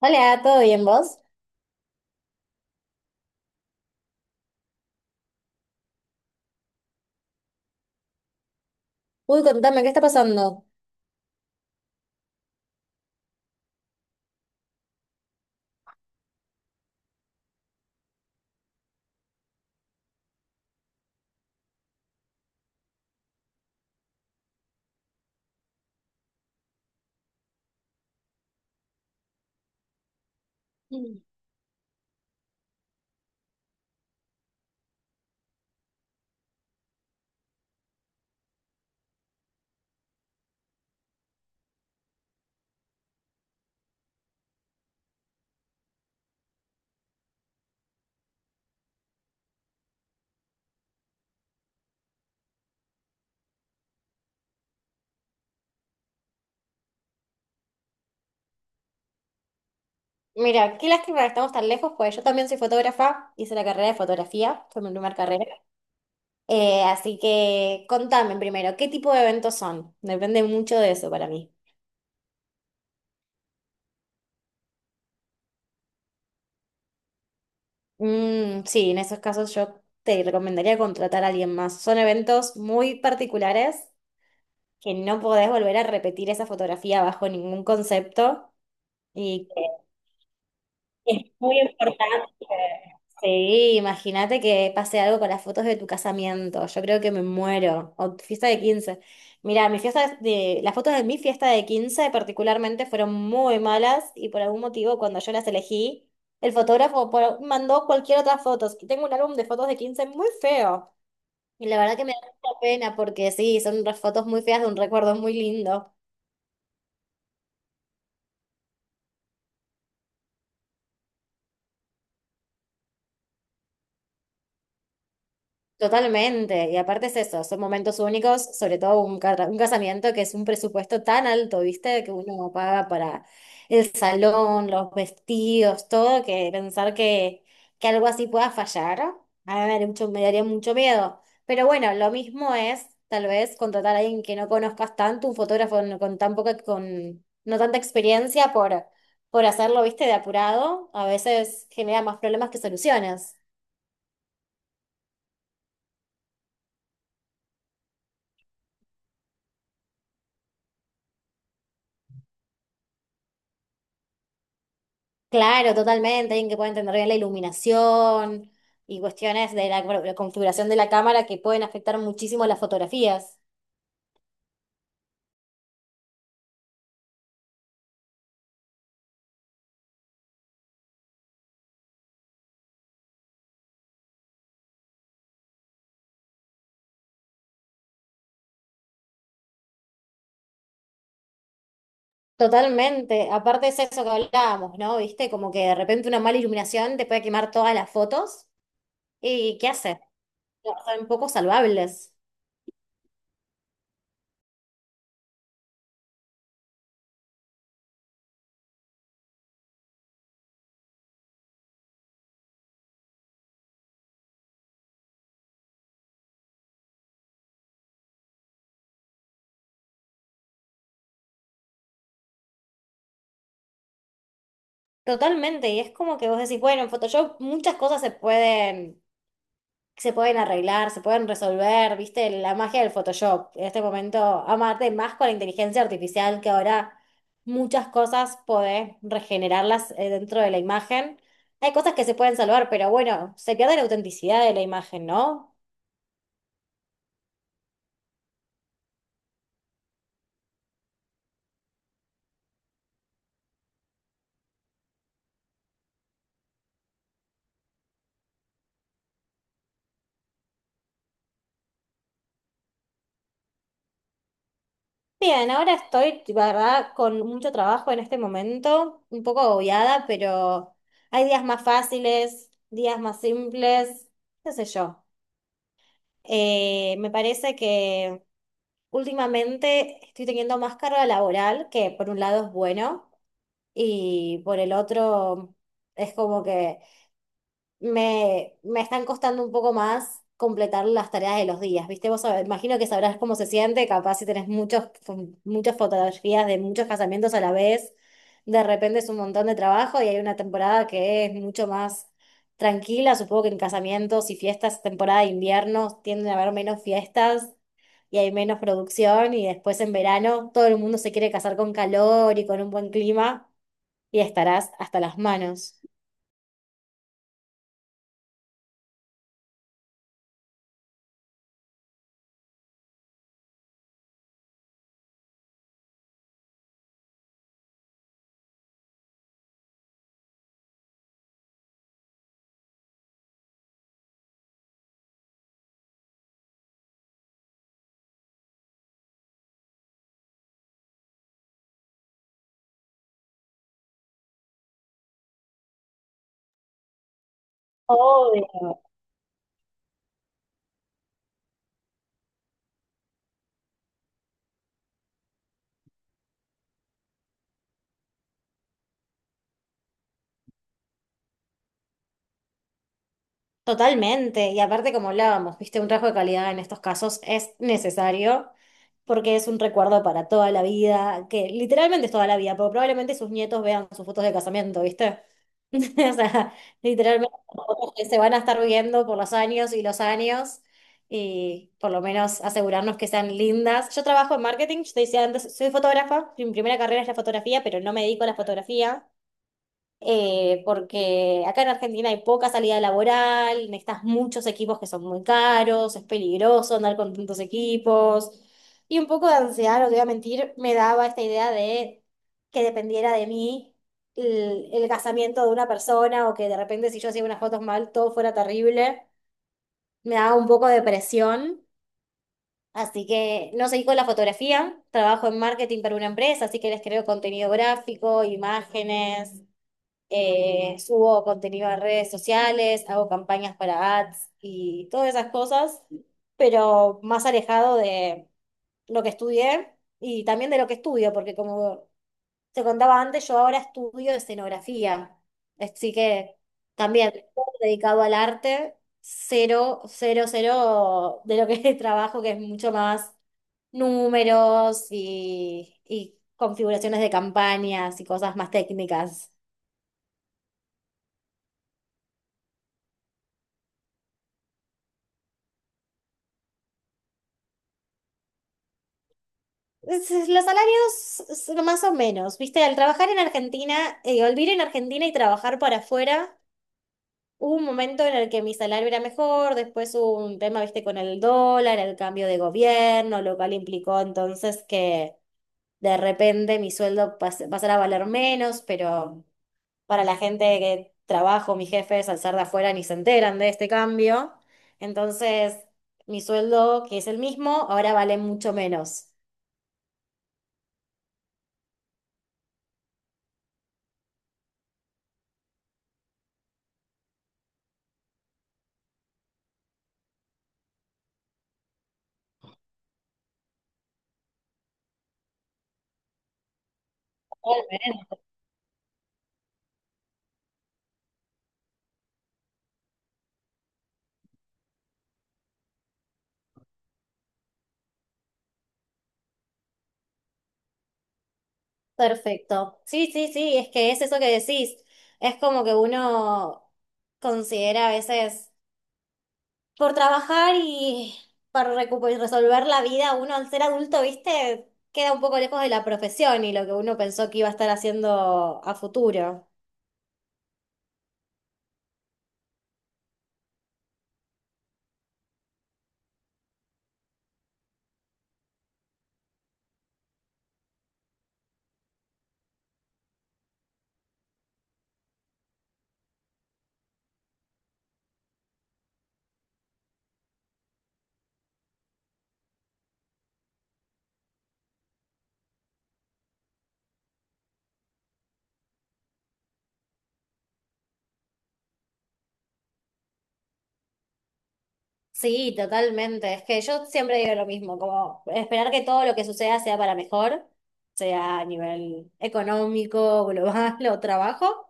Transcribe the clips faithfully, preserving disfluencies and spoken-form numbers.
Hola, ¿todo bien vos? Uy, contame, ¿qué está pasando? Mm. Mira, qué lástima que estamos tan lejos, pues yo también soy fotógrafa, hice la carrera de fotografía, fue mi primera carrera. Eh, así que contame primero, ¿qué tipo de eventos son? Depende mucho de eso para mí. Mm, sí, en esos casos yo te recomendaría contratar a alguien más. Son eventos muy particulares que no podés volver a repetir esa fotografía bajo ningún concepto. Y es muy importante. Sí, imagínate que pase algo con las fotos de tu casamiento. Yo creo que me muero. O tu fiesta de quince. Mira, mi fiesta de, las fotos de mi fiesta de quince particularmente fueron muy malas y por algún motivo cuando yo las elegí, el fotógrafo por- mandó cualquier otra fotos. Y tengo un álbum de fotos de quince muy feo. Y la verdad que me da mucha pena porque sí, son unas fotos muy feas de un recuerdo muy lindo. Totalmente, y aparte es eso, son momentos únicos, sobre todo un, ca- un casamiento que es un presupuesto tan alto, ¿viste? Que uno no paga para el salón, los vestidos, todo, que pensar que, que algo así pueda fallar, a mí me daría mucho, me daría mucho miedo. Pero bueno, lo mismo es tal vez contratar a alguien que no conozcas tanto, un fotógrafo no- con tan poca, con no tanta experiencia por, por hacerlo, ¿viste? De apurado, a veces genera más problemas que soluciones. Claro, totalmente, alguien que pueda entender bien la iluminación y cuestiones de la, bueno, la configuración de la cámara que pueden afectar muchísimo las fotografías. Totalmente, aparte es eso que hablábamos, ¿no? ¿Viste? Como que de repente una mala iluminación te puede quemar todas las fotos. Y ¿qué hace? No, son poco salvables. Totalmente, y es como que vos decís, bueno, en Photoshop muchas cosas se pueden se pueden arreglar, se pueden resolver, viste, la magia del Photoshop. En este momento, amarte más con la inteligencia artificial, que ahora muchas cosas podés regenerarlas eh, dentro de la imagen. Hay cosas que se pueden salvar, pero bueno, se pierde la autenticidad de la imagen, ¿no? Bien, ahora estoy, la verdad, con mucho trabajo en este momento, un poco agobiada, pero hay días más fáciles, días más simples, qué sé yo. Eh, me parece que últimamente estoy teniendo más carga laboral, que por un lado es bueno y por el otro es como que me, me están costando un poco más completar las tareas de los días, ¿viste? Vos sab- imagino que sabrás cómo se siente, capaz si tenés muchos, fo- muchas fotografías de muchos casamientos a la vez, de repente es un montón de trabajo y hay una temporada que es mucho más tranquila, supongo que en casamientos y fiestas, temporada de invierno, tienden a haber menos fiestas y hay menos producción, y después en verano todo el mundo se quiere casar con calor y con un buen clima y estarás hasta las manos. Obvio. Totalmente, y aparte como hablábamos, viste, un rasgo de calidad en estos casos es necesario, porque es un recuerdo para toda la vida, que literalmente es toda la vida, porque probablemente sus nietos vean sus fotos de casamiento, ¿viste? O sea, literalmente son fotos que se van a estar viendo por los años y los años, y por lo menos asegurarnos que sean lindas. Yo trabajo en marketing, yo te decía antes, soy fotógrafa, mi primera carrera es la fotografía, pero no me dedico a la fotografía, eh, porque acá en Argentina hay poca salida laboral, necesitas muchos equipos que son muy caros, es peligroso andar con tantos equipos. Y un poco de ansiedad, no te voy a mentir, me daba esta idea de que dependiera de mí el, el casamiento de una persona, o que de repente si yo hacía unas fotos mal todo fuera terrible. Me daba un poco de presión. Así que no seguí con la fotografía, trabajo en marketing para una empresa, así que les creo contenido gráfico, imágenes, eh, subo contenido a redes sociales, hago campañas para ads y todas esas cosas, pero más alejado de lo que estudié y también de lo que estudio, porque como te contaba antes, yo ahora estudio escenografía, así que también todo dedicado al arte, cero, cero, cero de lo que es trabajo, que es mucho más números y, y configuraciones de campañas y cosas más técnicas. Es- es- Los salarios s- más o menos, viste, al trabajar en Argentina, eh, al vivir en Argentina y trabajar para afuera, hubo un momento en el que mi salario era mejor, después hubo un tema, viste, con el dólar, el cambio de gobierno, lo cual implicó entonces que de repente mi sueldo pas- pasara a valer menos, pero para la gente que trabajo, mis jefes, al ser de afuera, ni se enteran de este cambio. Entonces, mi sueldo, que es el mismo, ahora vale mucho menos. Perfecto. Sí, sí, sí, es que es eso que decís. Es como que uno considera a veces por trabajar y por recu- y resolver la vida, uno al ser adulto, viste, queda un poco lejos de la profesión y lo que uno pensó que iba a estar haciendo a futuro. Sí, totalmente. Es que yo siempre digo lo mismo, como esperar que todo lo que suceda sea para mejor, sea a nivel económico, global o trabajo.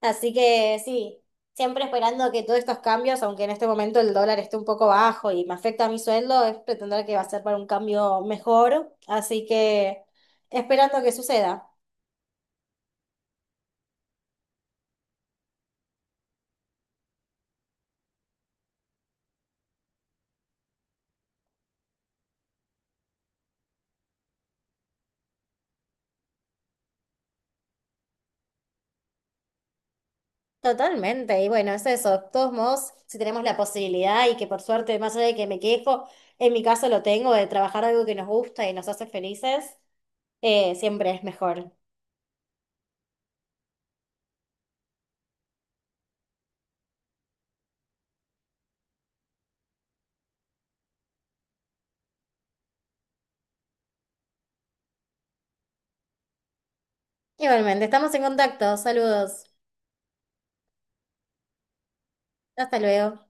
Así que sí, siempre esperando que todos estos cambios, aunque en este momento el dólar esté un poco bajo y me afecta a mi sueldo, es pretender que va a ser para un cambio mejor. Así que esperando que suceda. Totalmente, y bueno, es eso. De todos modos, si tenemos la posibilidad, y que por suerte, más allá de que me quejo, en mi caso lo tengo, de trabajar algo que nos gusta y nos hace felices, eh, siempre es mejor. Igualmente, estamos en contacto. Saludos. Hasta luego.